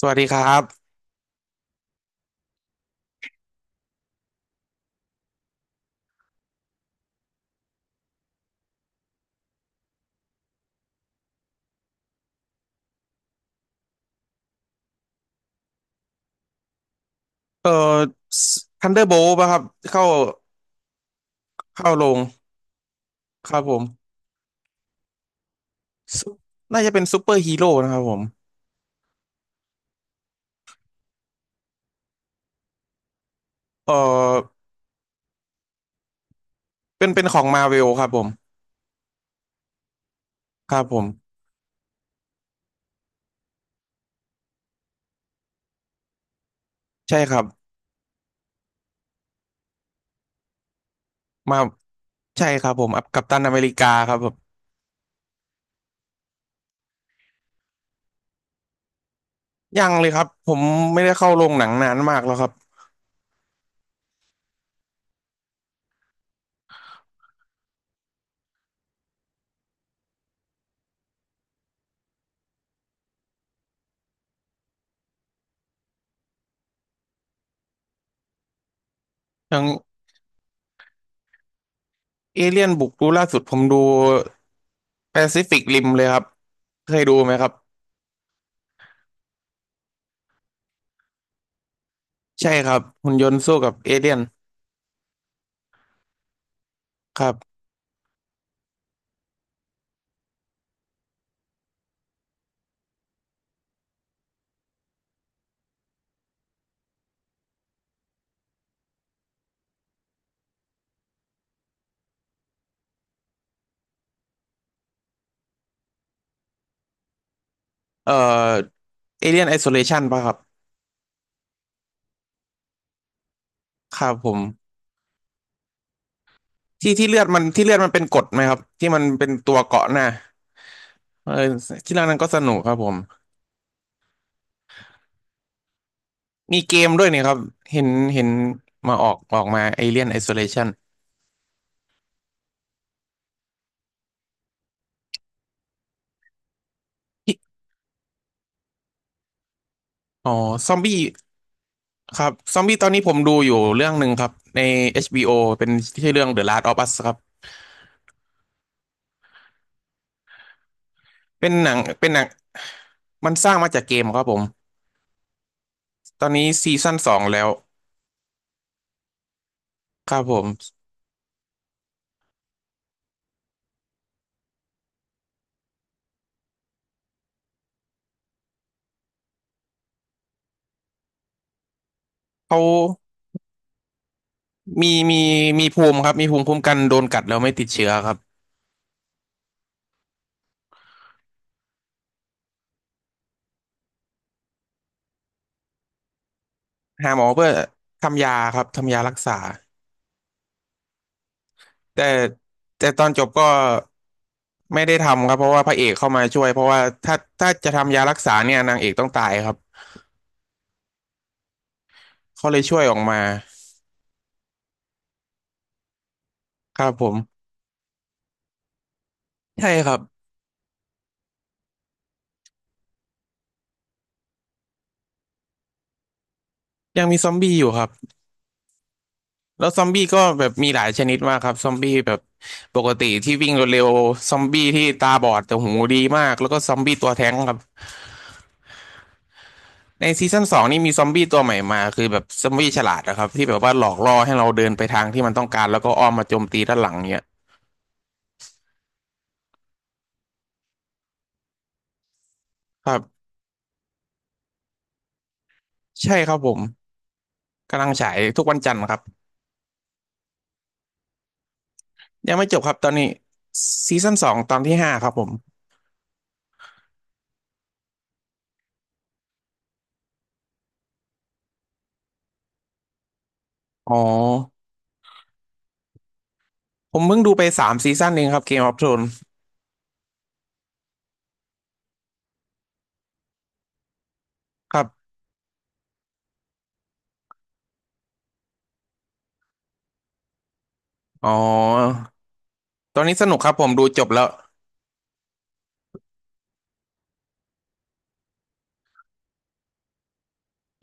สวัสดีครับเอ่อทันเดอร์โบลป่ะครับเข้าเข้าลงครับผมซุปน่าจะเป็นซูเปอร์ฮีโร่นะครับผมเอ่อเป็นของมาเวลครับผมครับผมใช่ครับมาใช่ครับผมอัพกัปตันอเมริกาครับผมยังเลยครับผมไม่ได้เข้าโรงหนังนานมากแล้วครับอย่างเอเลี่ยนบุกดูล่าสุดผมดูแปซิฟิกริมเลยครับเคยดูไหมครับใช่ครับหุ่นยนต์สู้กับเอเลี่ยนครับเอ่อเอเลี่ยนไอโซเลชันป่ะครับครับผม ที่ที่เลือดมันที่เลือดมันเป็นกรดไหมครับที่มันเป็นตัวเกาะหน้าเออที่เรื่องนั้นก็สนุกครับผมมีเกมด้วยเนี่ยครับเห็นเห็นมาออกมาเอเลียนไอโซเลชันอ๋อซอมบี้ครับซอมบี้ตอนนี้ผมดูอยู่เรื่องหนึ่งครับใน HBO เป็นชื่อเรื่อง The Last of Us ครับเป็นหนังเป็นหนังมันสร้างมาจากเกมครับผมตอนนี้ซีซั่นสองแล้วครับผมเขามีมีภูมิครับมีภูมิคุ้มกันโดนกัดแล้วไม่ติดเชื้อครับ หาหมอเพื่อทำยาครับทำยารักษาแต่แต่ตอนจบก็ไม่ได้ทำครับเพราะว่าพระเอกเข้ามาช่วยเพราะว่าถ้าจะทำยารักษาเนี่ยนางเอกต้องตายครับเขาเลยช่วยออกมาครับผมใช่ครับยังมีซอมบี้อยู่ครับแล้วซอมบี้ก็แบบมีหลายชนิดมากครับซอมบี้แบบปกติที่วิ่งเร็วๆซอมบี้ที่ตาบอดแต่หูดีมากแล้วก็ซอมบี้ตัวแท้งครับ ในซีซั่นสองนี่มีซอมบี้ตัวใหม่มาคือแบบซอมบี้ฉลาดนะครับที่แบบว่าหลอกล่อให้เราเดินไปทางที่มันต้องการแล้วก็อ้อมมาโจมตีด้านหลังเนี่ยครับใช่ครับผมกำลังฉายทุกวันจันทร์ครับยังไม่จบครับตอนนี้ซีซั่นสองตอนที่ห้าครับผมอ๋อผมเพิ่งดูไปสามซีซั่นเองครับเกมออฟโทรนครับอ๋อตอนนี้สนุกครับผมดูจบแล้ว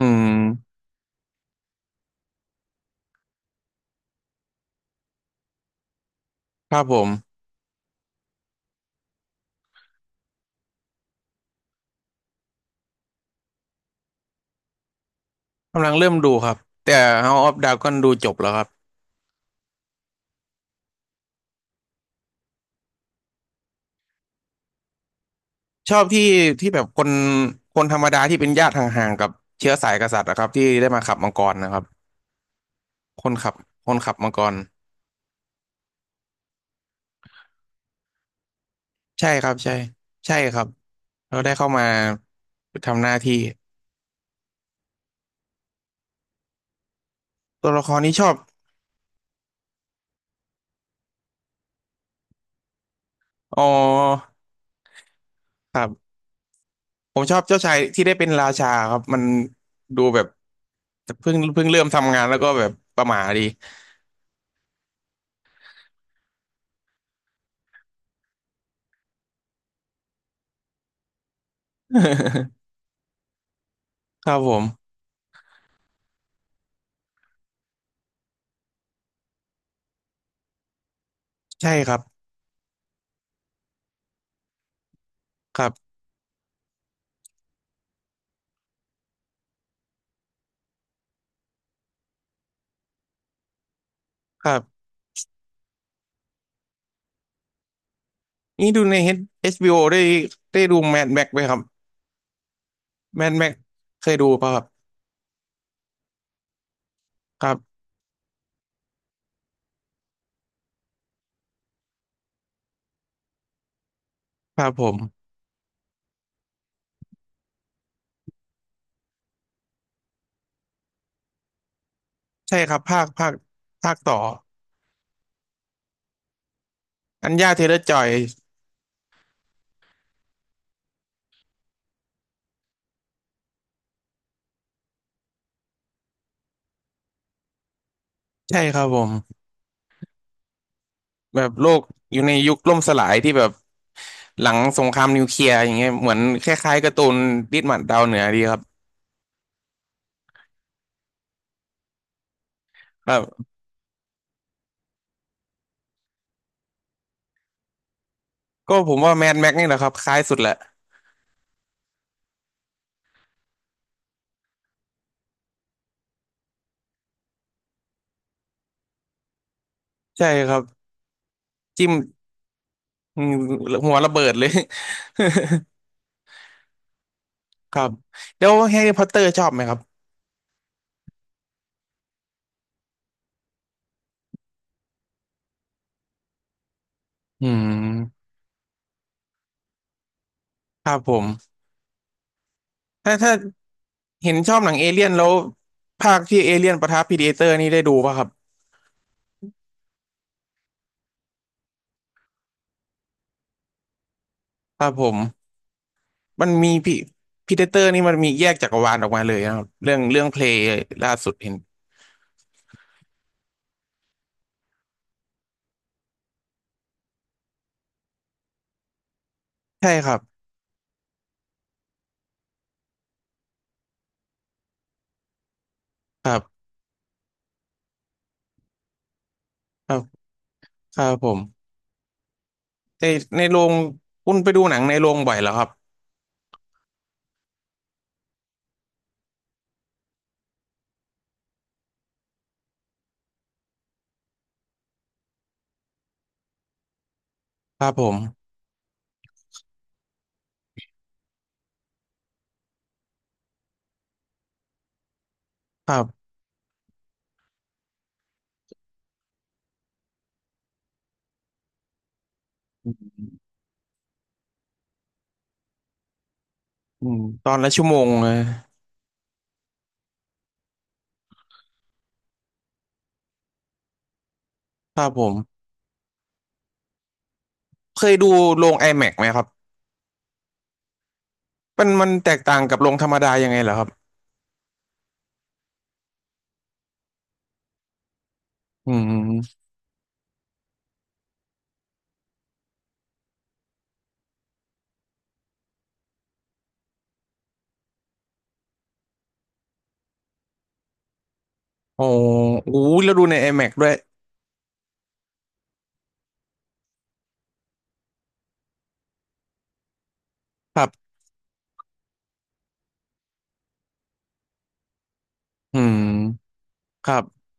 อืมครับผมกำลังเริ่มดูครับแต่ House of Dragon ดูจบแล้วครับ ชอบที่ที่แบบคนคนธรรมดาที่เป็นญาติห่างๆกับเชื้อสายกษัตริย์นะครับที่ได้มาขับมังกรนะครับคนขับคนขับมังกรใช่ครับใช่ใช่ครับเราได้เข้ามาทำหน้าที่ตัวละครนี้ชอบอ๋อครับผมชอบเจ้าชายที่ได้เป็นราชาครับมันดูแบบเพิ่งเริ่มทำงานแล้วก็แบบประหม่าดี ครับผมใช่ครับครับครับนี่ดูในเอชบีโอได้ได้ดูแมดแม็กไหมครับ แม่นแม่นเคยดูป่ะครับครับครับผมใช่ครับภาคภาคภาคต่ออัญญาเทเลอร์จอยใช่ครับผมแบบโลกอยู่ในยุคล่มสลายที่แบบหลังสงครามนิวเคลียร์อย่างเงี้ยเหมือนคล้ายๆการ์ตูนดิสมันดาวเหนือดีครับครับก็ผมว่าแมนแม็กนี่แหละครับคล้ายสุดแหละใช่ครับจิ้มอืมหัวระเบิดเลย ครับแล้วแฮร์รี่พอตเตอร์ชอบไหมครับอืมครับผมถ้าถ้า เห็นชอบหนังเอเลี่ยนแล้วภาคที่เอเลี่ยนปะทะพีดิเอเตอร์นี่ได้ดูป่ะครับครับผมมันมีพีพีดิเตอร์นี่มันมีแยกจักรวาลออกมาเลยนะครับเรื่องเรื่องเพลย์ล่าสุดเห็นใช่ครับครับครับครับผมในในโรงคุณไปดูหนังในโรงบ่อยเหรอครับครับผมครับอืมอืมตอนละชั่วโมงเลยครับผมเคยดูโรง IMAX ไหมครับมันมันแตกต่างกับโรงธรรมดายังไงเหรอครับอืมโอ้โหแล้วดูใน IMAX ด้วยครับอืมครับ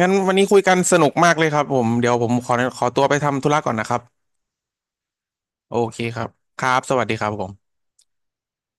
งั้นวันนี้คุยกันสนุกมากเลยครับผมเดี๋ยวผมขอขอตัวไปทำธุระก่อนนะครับโอเคครับครับสวัสดีครับผม